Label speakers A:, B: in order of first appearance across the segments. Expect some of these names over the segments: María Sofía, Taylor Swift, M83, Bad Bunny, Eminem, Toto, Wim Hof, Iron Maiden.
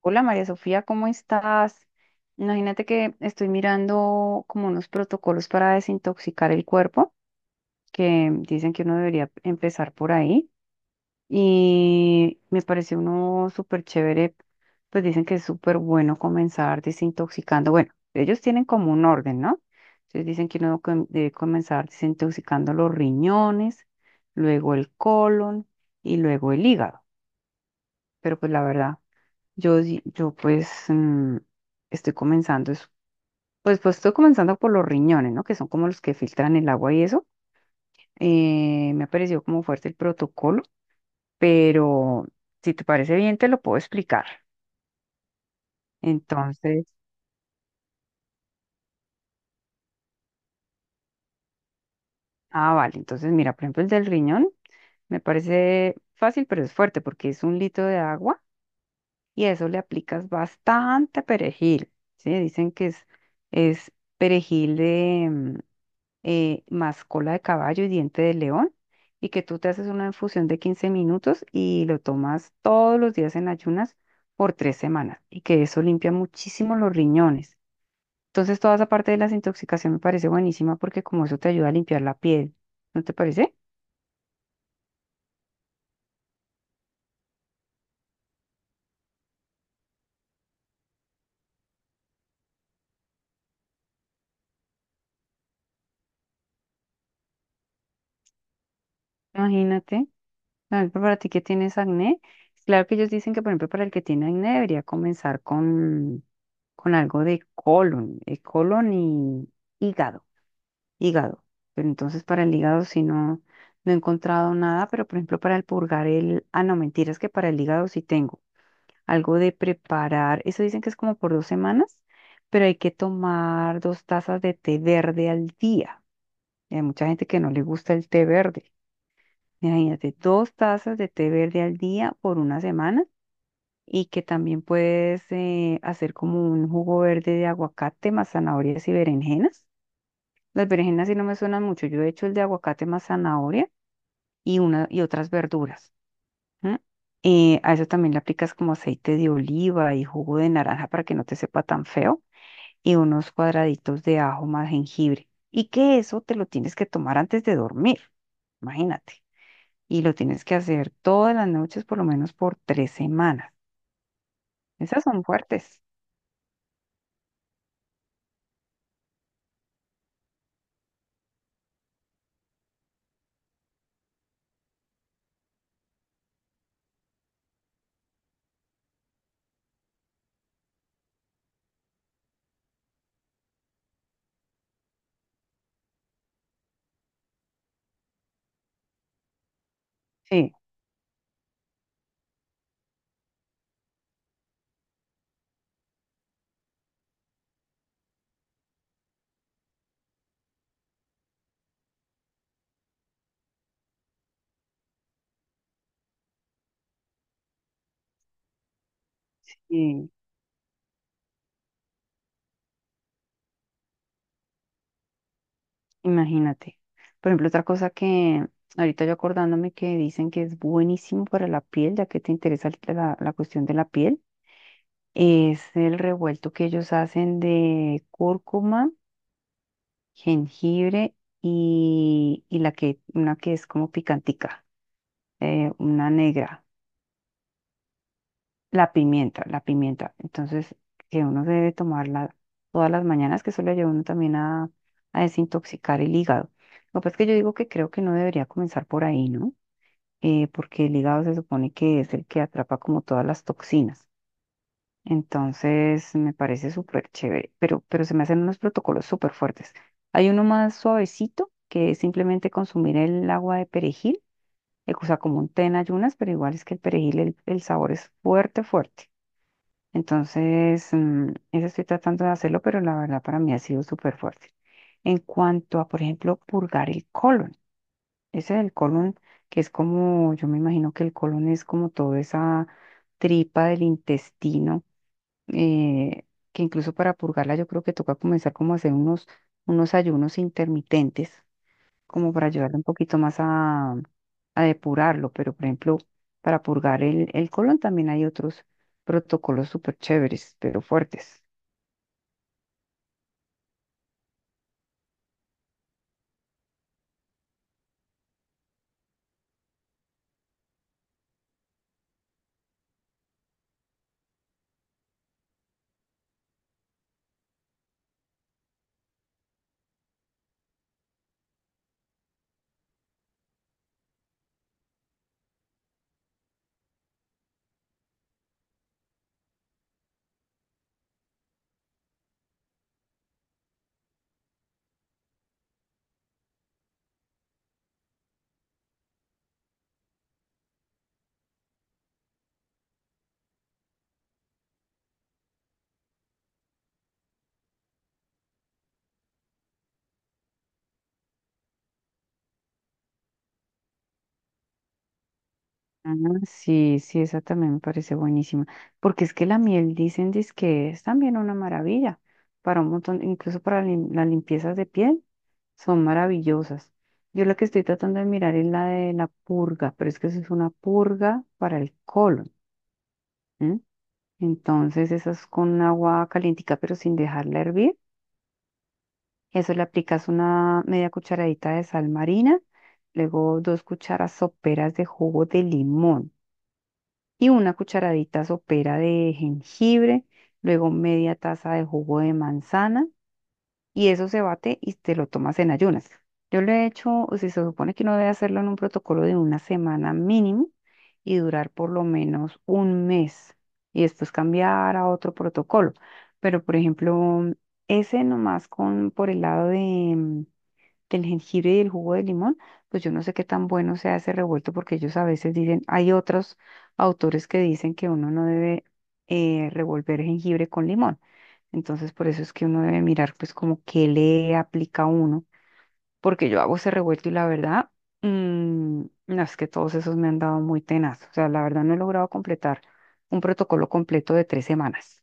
A: Hola María Sofía, ¿cómo estás? Imagínate que estoy mirando como unos protocolos para desintoxicar el cuerpo, que dicen que uno debería empezar por ahí. Y me parece uno súper chévere, pues dicen que es súper bueno comenzar desintoxicando. Bueno, ellos tienen como un orden, ¿no? Entonces dicen que uno debe comenzar desintoxicando los riñones, luego el colon y luego el hígado. Pero pues la verdad. Yo estoy pues, estoy comenzando por los riñones, ¿no? Que son como los que filtran el agua y eso. Me ha parecido como fuerte el protocolo, pero si te parece bien, te lo puedo explicar. Entonces, ah, vale, entonces mira, por ejemplo, el del riñón me parece fácil, pero es fuerte porque es un litro de agua y a eso le aplicas bastante perejil, ¿sí? Dicen que es perejil, más cola de caballo y diente de león, y que tú te haces una infusión de 15 minutos y lo tomas todos los días en ayunas por 3 semanas, y que eso limpia muchísimo los riñones. Entonces, toda esa parte de la desintoxicación me parece buenísima porque como eso te ayuda a limpiar la piel, ¿no te parece? Imagínate, por ejemplo, para ti que tienes acné, claro que ellos dicen que, por ejemplo, para el que tiene acné debería comenzar con, algo de colon, colon y hígado hígado. Pero entonces para el hígado sí no he encontrado nada, pero por ejemplo para el purgar el... Ah, no, mentiras que para el hígado sí tengo algo de preparar. Eso dicen que es como por 2 semanas, pero hay que tomar 2 tazas de té verde al día. Y hay mucha gente que no le gusta el té verde. Imagínate, 2 tazas de té verde al día por una semana y que también puedes hacer como un jugo verde de aguacate más zanahorias y berenjenas, las berenjenas sí no me suenan mucho. Yo he hecho el de aguacate más zanahoria y otras verduras. ¿M? A eso también le aplicas como aceite de oliva y jugo de naranja para que no te sepa tan feo y unos cuadraditos de ajo más jengibre. Y que eso te lo tienes que tomar antes de dormir, imagínate. Y lo tienes que hacer todas las noches, por lo menos por 3 semanas. Esas son fuertes. Sí. Sí. Imagínate. Por ejemplo, otra cosa que ahorita yo acordándome que dicen que es buenísimo para la piel, ya que te interesa la cuestión de la piel, es el revuelto que ellos hacen de cúrcuma, jengibre y una que es como picantica, una negra, la pimienta, la pimienta. Entonces, que uno debe tomarla todas las mañanas, que eso le ayuda a uno también a desintoxicar el hígado. Lo que pasa es que yo digo que creo que no debería comenzar por ahí, ¿no? Porque el hígado se supone que es el que atrapa como todas las toxinas. Entonces me parece súper chévere, pero, se me hacen unos protocolos súper fuertes. Hay uno más suavecito, que es simplemente consumir el agua de perejil, o sea, como un té en ayunas, pero igual es que el perejil, el sabor es fuerte, fuerte. Entonces, ese estoy tratando de hacerlo, pero la verdad para mí ha sido súper fuerte. En cuanto a, por ejemplo, purgar el colon. Ese del colon, que es como, yo me imagino que el colon es como toda esa tripa del intestino, eh, que incluso para purgarla yo creo que toca comenzar como a hacer unos ayunos intermitentes, como para ayudarle un poquito más a depurarlo. Pero, por ejemplo, para purgar el colon también hay otros protocolos súper chéveres, pero fuertes. Ah, sí, sí, esa también me parece buenísima, porque es que la miel dicen que es también una maravilla para un montón, incluso para las limpiezas de piel, son maravillosas. Yo la que estoy tratando de mirar es la de la purga, pero es que eso es una purga para el colon, ¿m? Entonces esa es con agua calientica pero sin dejarla hervir. Eso le aplicas una media cucharadita de sal marina, luego 2 cucharas soperas de jugo de limón, y una cucharadita sopera de jengibre, luego media taza de jugo de manzana, y eso se bate y te lo tomas en ayunas. Yo lo he hecho, o sea, se supone que uno debe hacerlo en un protocolo de una semana mínimo y durar por lo menos un mes y después cambiar a otro protocolo. Pero, por ejemplo, ese nomás con por el lado de, del jengibre y del jugo de limón, pues yo no sé qué tan bueno sea ese revuelto porque ellos a veces dicen, hay otros autores que dicen que uno no debe, revolver jengibre con limón. Entonces por eso es que uno debe mirar pues como qué le aplica a uno, porque yo hago ese revuelto y la verdad, mm, no es que todos esos me han dado muy tenaz. O sea, la verdad no he logrado completar un protocolo completo de 3 semanas.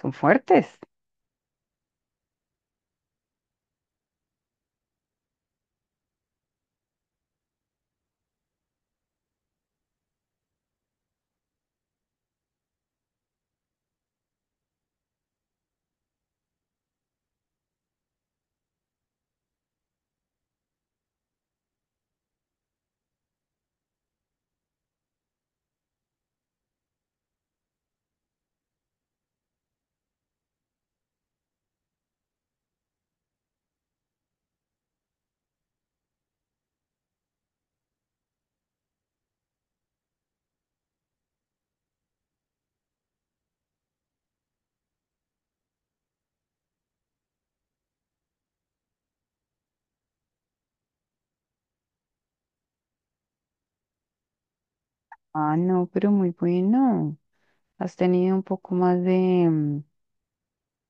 A: Son fuertes. Ah, no, pero muy bueno. Has tenido un poco más de,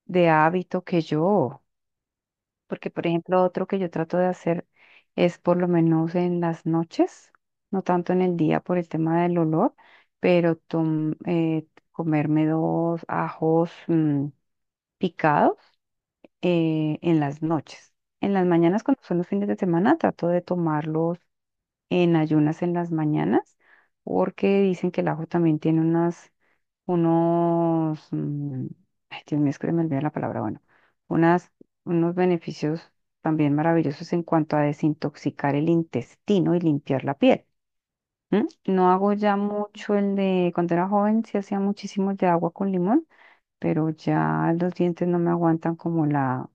A: de hábito que yo, porque por ejemplo otro que yo trato de hacer es por lo menos en las noches, no tanto en el día por el tema del olor, pero comerme 2 ajos, picados, en las noches. En las mañanas, cuando son los fines de semana, trato de tomarlos en ayunas en las mañanas, porque dicen que el ajo también tiene unos, mm, ay, Dios mío, es que se me olvida la palabra, bueno, unas, unos beneficios también maravillosos en cuanto a desintoxicar el intestino y limpiar la piel. ¿M? No hago ya mucho el de, cuando era joven sí hacía muchísimo de agua con limón, pero ya los dientes no me aguantan como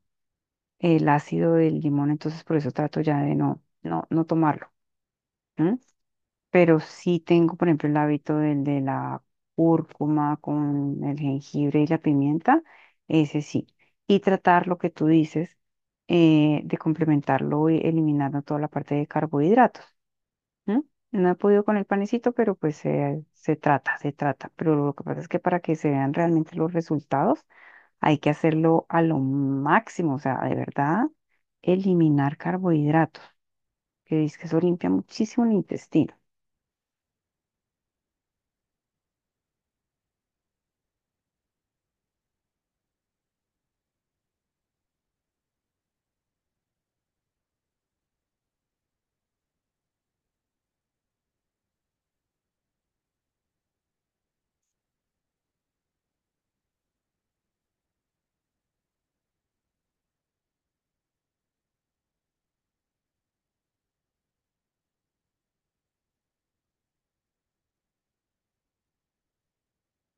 A: el ácido del limón, entonces por eso trato ya de no tomarlo, pero sí tengo, por ejemplo, el hábito del de la cúrcuma con el jengibre y la pimienta, ese sí. Y tratar lo que tú dices, de complementarlo y eliminando toda la parte de carbohidratos. ¿M? No he podido con el panecito, pero pues se trata, se trata. Pero lo que pasa es que para que se vean realmente los resultados, hay que hacerlo a lo máximo, o sea, de verdad, eliminar carbohidratos, que dice que eso limpia muchísimo el intestino.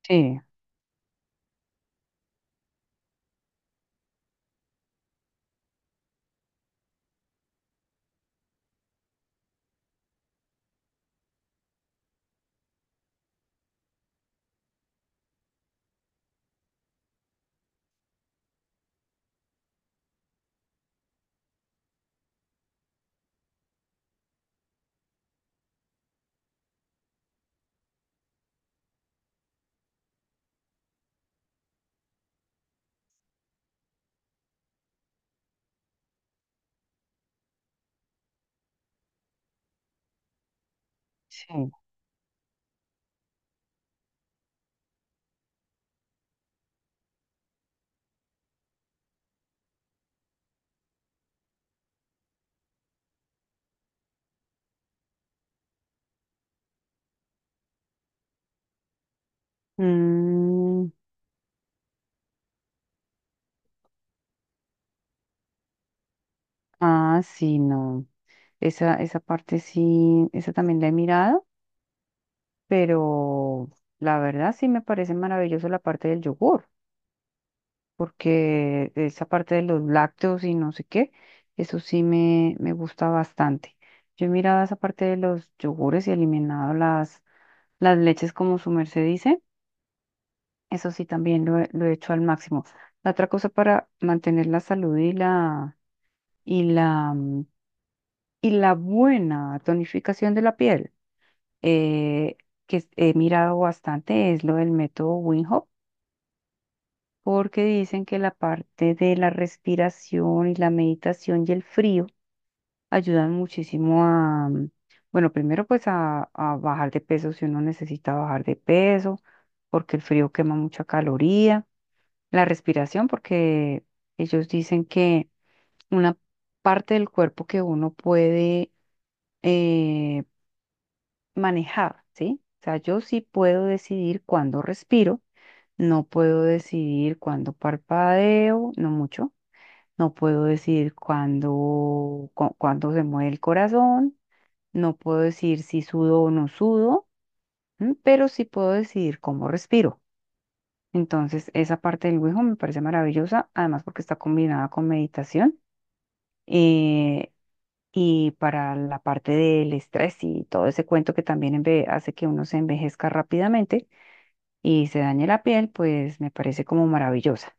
A: Sí, sí. Mm, ah, sí, no. Esa parte sí, esa también la he mirado, pero la verdad sí me parece maravilloso la parte del yogur, porque esa parte de los lácteos y no sé qué, eso sí me gusta bastante. Yo he mirado esa parte de los yogures y eliminado las leches, como su merced dice, eso sí también lo he hecho al máximo. La otra cosa para mantener la salud y la mm, Y la buena tonificación de la piel, eh, que he mirado bastante es lo del método Wim Hof, porque dicen que la parte de la respiración y la meditación y el frío ayudan muchísimo bueno, primero pues a bajar de peso si uno necesita bajar de peso, porque el frío quema mucha caloría. La respiración, porque ellos dicen que una parte del cuerpo que uno puede... eh, manejar, ¿sí? O sea, yo sí puedo decidir cuándo respiro, no puedo decidir cuándo parpadeo, no mucho, no puedo decidir cuándo se mueve el corazón, no puedo decir si sudo o no sudo, ¿m? Pero sí puedo decidir cómo respiro. Entonces, esa parte del Wijo me parece maravillosa, además porque está combinada con meditación, eh, y para la parte del estrés y todo ese cuento que también hace que uno se envejezca rápidamente, y se dañe la piel, pues me parece como maravillosa.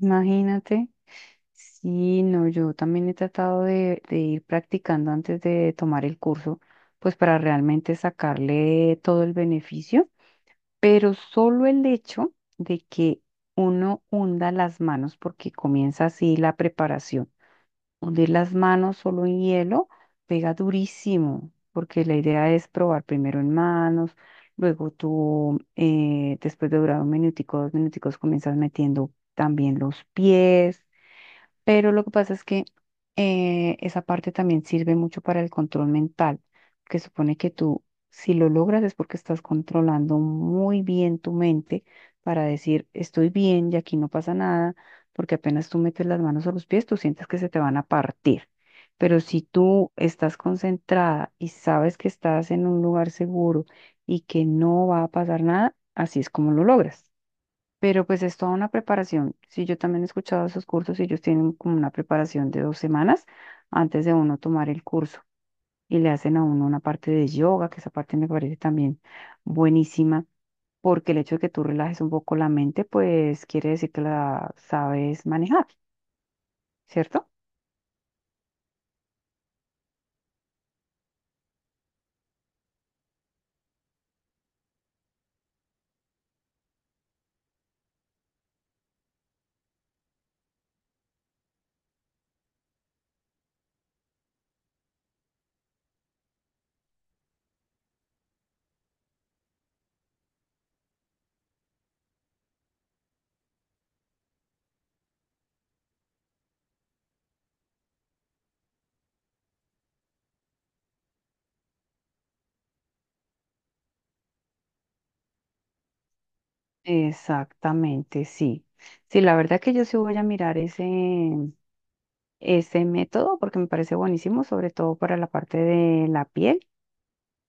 A: Imagínate. Sí, no, yo también he tratado de ir practicando antes de tomar el curso, pues para realmente sacarle todo el beneficio, pero solo el hecho de que uno hunda las manos porque comienza así la preparación. Hundir las manos solo en hielo pega durísimo, porque la idea es probar primero en manos, luego tú, después de durar un minutico, 2 minuticos, comienzas metiendo también los pies. Pero lo que pasa es que esa parte también sirve mucho para el control mental, que supone que tú, si lo logras es porque estás controlando muy bien tu mente para decir, estoy bien y aquí no pasa nada, porque apenas tú metes las manos a los pies, tú sientes que se te van a partir. Pero si tú estás concentrada y sabes que estás en un lugar seguro y que no va a pasar nada, así es como lo logras. Pero pues es toda una preparación. Sí, yo también he escuchado esos cursos y ellos tienen como una preparación de 2 semanas antes de uno tomar el curso. Y le hacen a uno una parte de yoga, que esa parte me parece también buenísima, porque el hecho de que tú relajes un poco la mente, pues quiere decir que la sabes manejar, ¿cierto? Exactamente, sí. Sí, la verdad que yo sí voy a mirar ese, ese método porque me parece buenísimo, sobre todo para la parte de la piel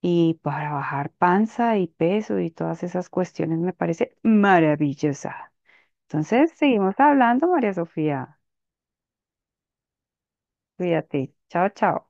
A: y para bajar panza y peso y todas esas cuestiones me parece maravillosa. Entonces, seguimos hablando, María Sofía. Cuídate. Chao, chao.